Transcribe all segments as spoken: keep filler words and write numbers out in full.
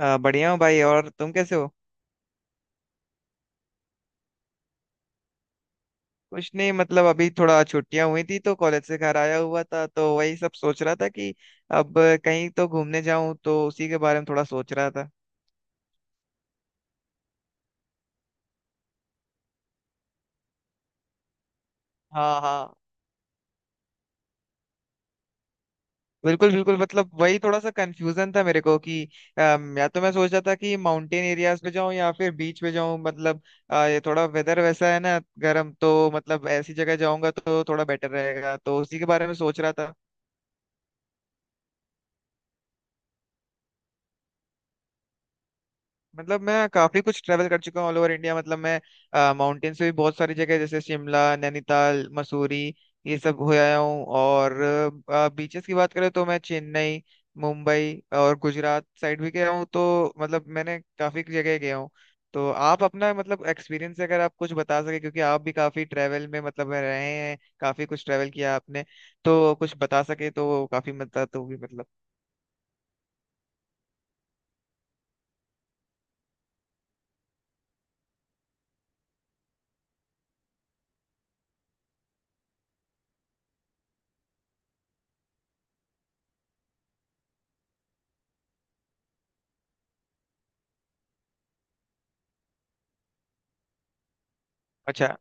आ, बढ़िया हूँ भाई। और तुम कैसे हो? कुछ नहीं, मतलब अभी थोड़ा छुट्टियां हुई थी तो कॉलेज से घर आया हुआ था, तो वही सब सोच रहा था कि अब कहीं तो घूमने जाऊं, तो उसी के बारे में थोड़ा सोच रहा था। हाँ हाँ। बिल्कुल बिल्कुल, मतलब वही थोड़ा सा कंफ्यूजन था मेरे को कि अम, या तो मैं सोच रहा था कि माउंटेन एरियाज पे जाऊं या फिर बीच पे जाऊं। मतलब अ, ये थोड़ा वेदर वैसा है ना गर्म, तो मतलब ऐसी जगह जाऊंगा तो थोड़ा बेटर रहेगा, तो उसी के बारे में सोच रहा था। मतलब मैं काफी कुछ ट्रैवल कर चुका हूँ ऑल ओवर इंडिया। मतलब मैं माउंटेन से भी बहुत सारी जगह, जैसे शिमला, नैनीताल, मसूरी, ये सब हो आया हूँ। और बीचेस की बात करें तो मैं चेन्नई, मुंबई और गुजरात साइड भी गया हूँ, तो मतलब मैंने काफी जगह गया हूँ। तो आप अपना मतलब एक्सपीरियंस अगर आप कुछ बता सके, क्योंकि आप भी काफी ट्रैवल में मतलब में रहे हैं, काफी कुछ ट्रैवल किया आपने, तो कुछ बता सके तो काफी मदद होगी मतलब। अच्छा।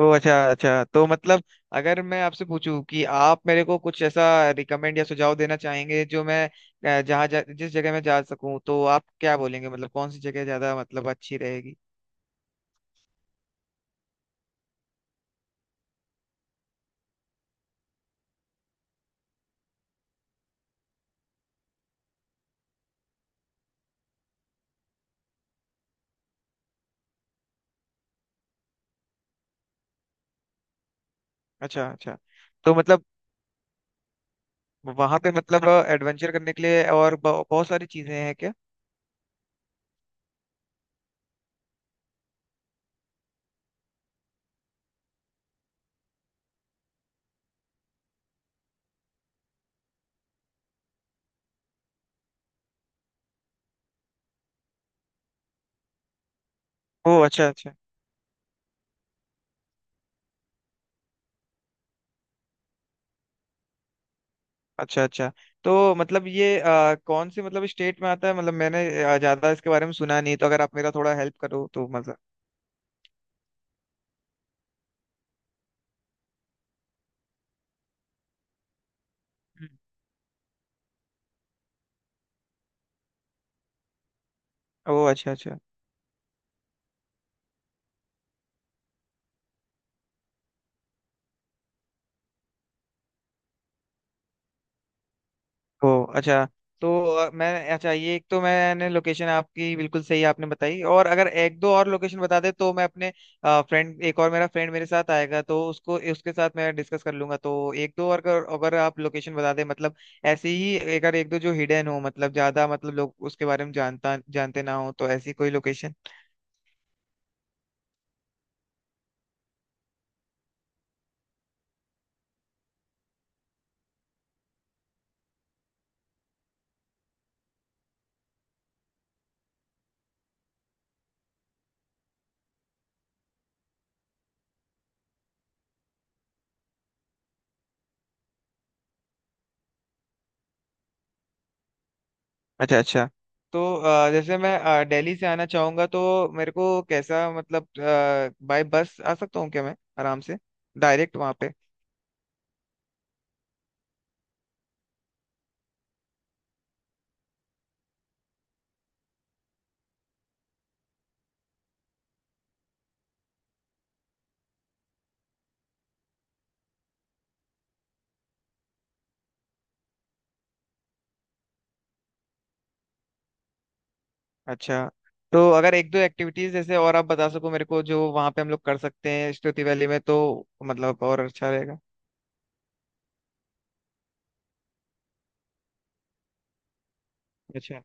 ओ अच्छा अच्छा। तो मतलब अगर मैं आपसे पूछूं कि आप मेरे को कुछ ऐसा रिकमेंड या सुझाव देना चाहेंगे जो मैं अ, जहाँ जा, जिस जगह मैं जा सकूं, तो आप क्या बोलेंगे? मतलब कौन सी जगह ज्यादा मतलब अच्छी रहेगी? अच्छा अच्छा। तो मतलब वहां पे मतलब एडवेंचर करने के लिए और ब- बहुत सारी चीजें हैं क्या? ओ अच्छा अच्छा। अच्छा अच्छा। तो मतलब ये अ, कौन से मतलब स्टेट में आता है? मतलब मैंने अ, ज्यादा इसके बारे में सुना नहीं, तो अगर आप मेरा थोड़ा हेल्प करो तो मजा। हम्म। ओ अच्छा अच्छा। ओ अच्छा। तो अ, मैं अच्छा ये एक तो मैंने लोकेशन आपकी बिल्कुल सही आपने बताई, और अगर एक दो और लोकेशन बता दे तो मैं अपने फ्रेंड एक और मेरा फ्रेंड मेरे साथ आएगा तो उसको उसके साथ मैं डिस्कस कर लूंगा। तो एक दो और अगर, अगर आप लोकेशन बता दे मतलब ऐसी ही, अगर एक दो जो हिडन हो, मतलब ज्यादा मतलब लोग उसके बारे में जानता जानते ना हो, तो ऐसी कोई लोकेशन। अच्छा अच्छा। तो अ, जैसे मैं अ, दिल्ली से आना चाहूंगा तो मेरे को कैसा मतलब बाय बस आ सकता हूँ क्या मैं आराम से डायरेक्ट वहां पे? अच्छा। तो अगर एक दो एक्टिविटीज जैसे और आप बता सको मेरे को, जो वहां पे हम लोग कर सकते हैं स्तुति वैली में, तो मतलब और अच्छा रहेगा। अच्छा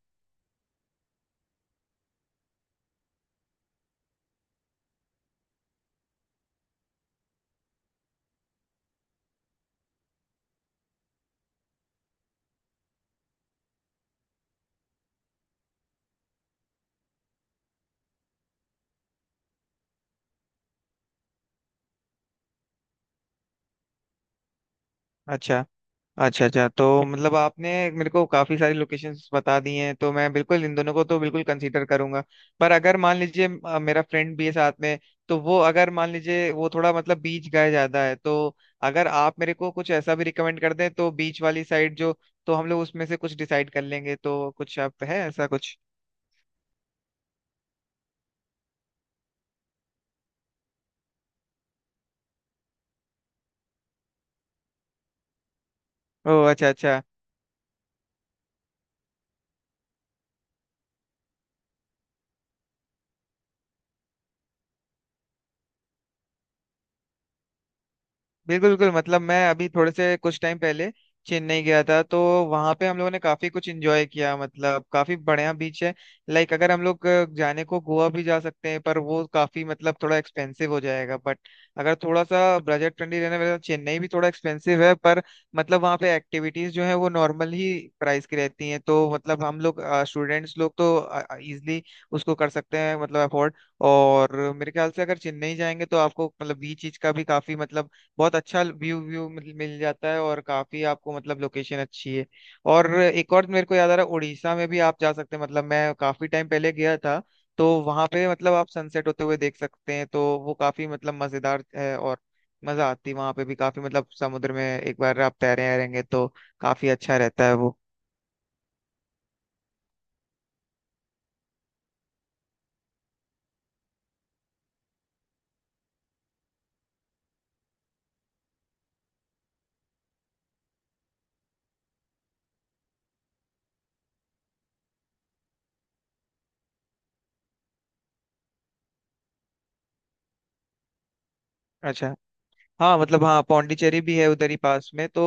अच्छा। अच्छा अच्छा। तो मतलब आपने मेरे को काफी सारी लोकेशंस बता दी हैं, तो मैं बिल्कुल इन दोनों को तो बिल्कुल कंसीडर करूंगा। पर अगर मान लीजिए अ, मेरा फ्रेंड भी है साथ में, तो वो अगर मान लीजिए वो थोड़ा मतलब बीच गए ज्यादा है, तो अगर आप मेरे को कुछ ऐसा भी रिकमेंड कर दें तो बीच वाली साइड जो, तो हम लोग उसमें से कुछ डिसाइड कर लेंगे। तो कुछ आप है ऐसा कुछ? ओ अच्छा अच्छा। बिल्कुल बिल्कुल, मतलब मैं अभी थोड़े से कुछ टाइम पहले चेन्नई गया था, तो वहां पे हम लोगों ने काफी कुछ एंजॉय किया। मतलब काफी बढ़िया बीच है। लाइक अगर हम लोग अ, जाने को गोवा भी जा सकते हैं, पर वो काफी मतलब थोड़ा एक्सपेंसिव हो जाएगा। बट अगर थोड़ा सा बजट फ्रेंडली रहने वाला, चेन्नई भी थोड़ा एक्सपेंसिव है, पर मतलब वहाँ पे एक्टिविटीज जो है वो नॉर्मल ही प्राइस की रहती हैं, तो मतलब हम लोग स्टूडेंट्स लोग तो इजिली उसको कर सकते हैं मतलब अफोर्ड। और मेरे ख्याल से अगर चेन्नई जाएंगे तो आपको मतलब बीच चीज का भी काफी मतलब बहुत अच्छा व्यू व्यू मिल मिल जाता है, और काफी आपको मतलब लोकेशन अच्छी है। और एक और मेरे को याद आ रहा है, उड़ीसा में भी आप जा सकते हैं। मतलब मैं काफी टाइम पहले गया था, तो वहां पे मतलब आप सनसेट होते हुए देख सकते हैं, तो वो काफी मतलब मजेदार है। और मजा आती है वहां पे भी काफी, मतलब समुद्र में एक बार आप तैरे रहेंगे तो काफी अच्छा रहता है वो। अच्छा। हाँ मतलब हाँ, पौंडीचेरी भी है उधर ही पास में, तो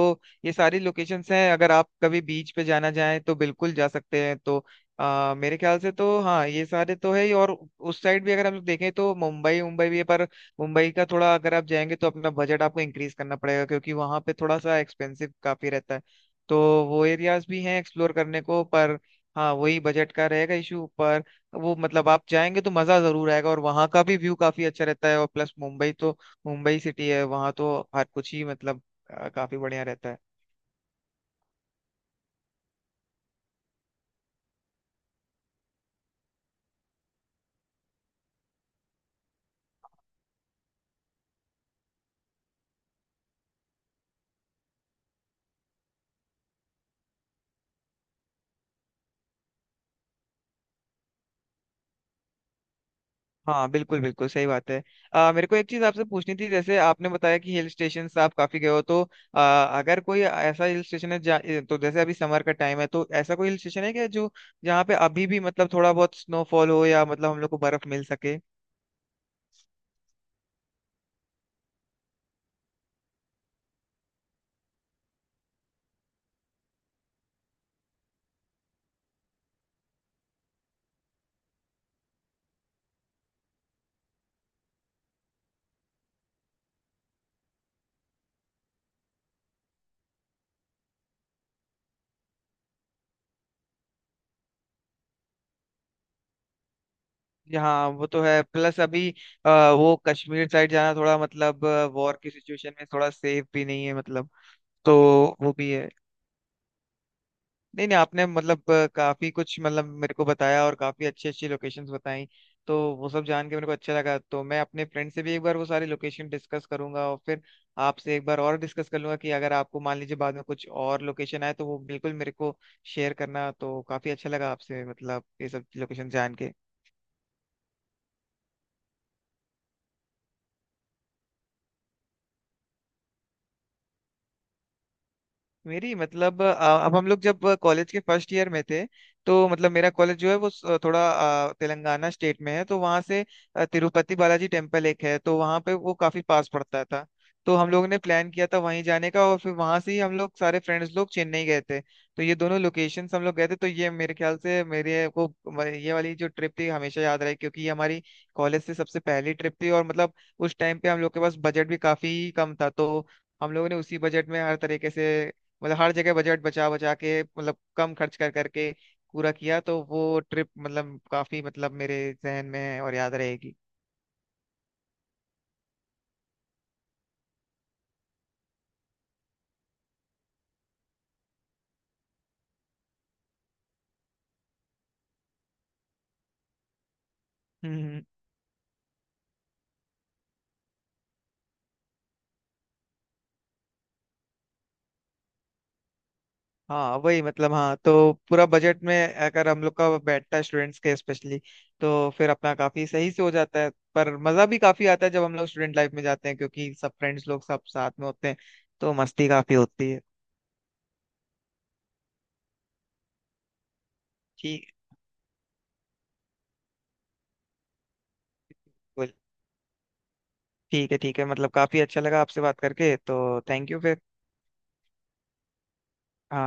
ये सारी लोकेशंस हैं। अगर आप कभी बीच पे जाना चाहें तो बिल्कुल जा सकते हैं। तो आ, मेरे ख्याल से तो हाँ ये सारे तो है ही। और उस साइड भी अगर हम लोग देखें तो मुंबई मुंबई भी है, पर मुंबई का थोड़ा अगर आप जाएंगे तो अपना बजट आपको इंक्रीज करना पड़ेगा, क्योंकि वहाँ पे थोड़ा सा एक्सपेंसिव काफी रहता है। तो वो एरियाज भी हैं एक्सप्लोर करने को, पर हाँ वही बजट का रहेगा इशू। पर वो मतलब आप जाएंगे तो मजा जरूर आएगा, और वहाँ का भी व्यू काफी अच्छा रहता है। और प्लस मुंबई तो मुंबई सिटी है, वहां तो हर कुछ ही मतलब अ, काफी बढ़िया रहता है। हाँ बिल्कुल बिल्कुल सही बात है। अ, मेरे को एक चीज आपसे पूछनी थी, जैसे आपने बताया कि हिल स्टेशन आप काफी गए हो, तो अ, अगर कोई ऐसा हिल स्टेशन है जा, ए, तो जैसे अभी समर का टाइम है, तो ऐसा कोई हिल स्टेशन है क्या जो जहाँ पे अभी भी मतलब थोड़ा बहुत स्नोफॉल हो या मतलब हम लोग को बर्फ मिल सके? यहाँ वो तो है। प्लस अभी अ, वो कश्मीर साइड जाना थोड़ा मतलब वॉर की सिचुएशन में थोड़ा सेफ भी नहीं है मतलब, तो वो भी है। नहीं नहीं, आपने मतलब अ, काफी कुछ मतलब मेरे को बताया और काफी अच्छी अच्छी लोकेशंस बताई, तो वो सब जान के मेरे को अच्छा लगा। तो मैं अपने फ्रेंड से भी एक बार वो सारी लोकेशन डिस्कस करूंगा और फिर आपसे एक बार और डिस्कस कर लूंगा कि अगर आपको मान लीजिए बाद में कुछ और लोकेशन आए तो वो बिल्कुल मेरे को शेयर करना। तो काफी अच्छा लगा आपसे मतलब ये सब लोकेशन जान के। मेरी मतलब अ, अब हम लोग जब कॉलेज के फर्स्ट ईयर में थे, तो मतलब मेरा कॉलेज जो है वो स- थोड़ा अ, तेलंगाना स्टेट में है, तो वहाँ से अ, तिरुपति बालाजी टेम्पल एक है, तो वहाँ पे वो काफी पास पड़ता था। तो हम लोगों ने प्लान किया था वहीं जाने का, और फिर वहां से ही हम लोग सारे फ्रेंड्स लोग चेन्नई गए थे। तो ये दोनों लोकेशंस हम लोग गए थे, तो ये मेरे ख्याल से मेरे को म- ये वाली जो ट्रिप थी हमेशा याद रहे, क्योंकि ये हमारी कॉलेज से सबसे पहली ट्रिप थी। और मतलब उस टाइम पे हम लोग के पास बजट भी काफी कम था, तो हम लोगों ने उसी बजट में हर तरीके से मतलब हर जगह बजट बचा बचा के मतलब कम खर्च कर करके पूरा किया। तो वो ट्रिप मतलब काफी मतलब मेरे जहन में है और याद रहेगी। हम्म हम्म। हाँ वही मतलब हाँ, तो पूरा बजट में अगर हम लोग का बैठता है स्टूडेंट्स के स्पेशली, तो फिर अपना काफी सही से हो जाता है। पर मजा भी काफी आता है जब हम लोग स्टूडेंट लाइफ में जाते हैं, क्योंकि सब फ्रेंड्स लोग सब साथ में होते हैं, तो मस्ती काफी होती है। ठीक। बिल्कुल। ठीक है ठीक है, मतलब काफी अच्छा लगा आपसे बात करके, तो थैंक यू फिर। हाँ।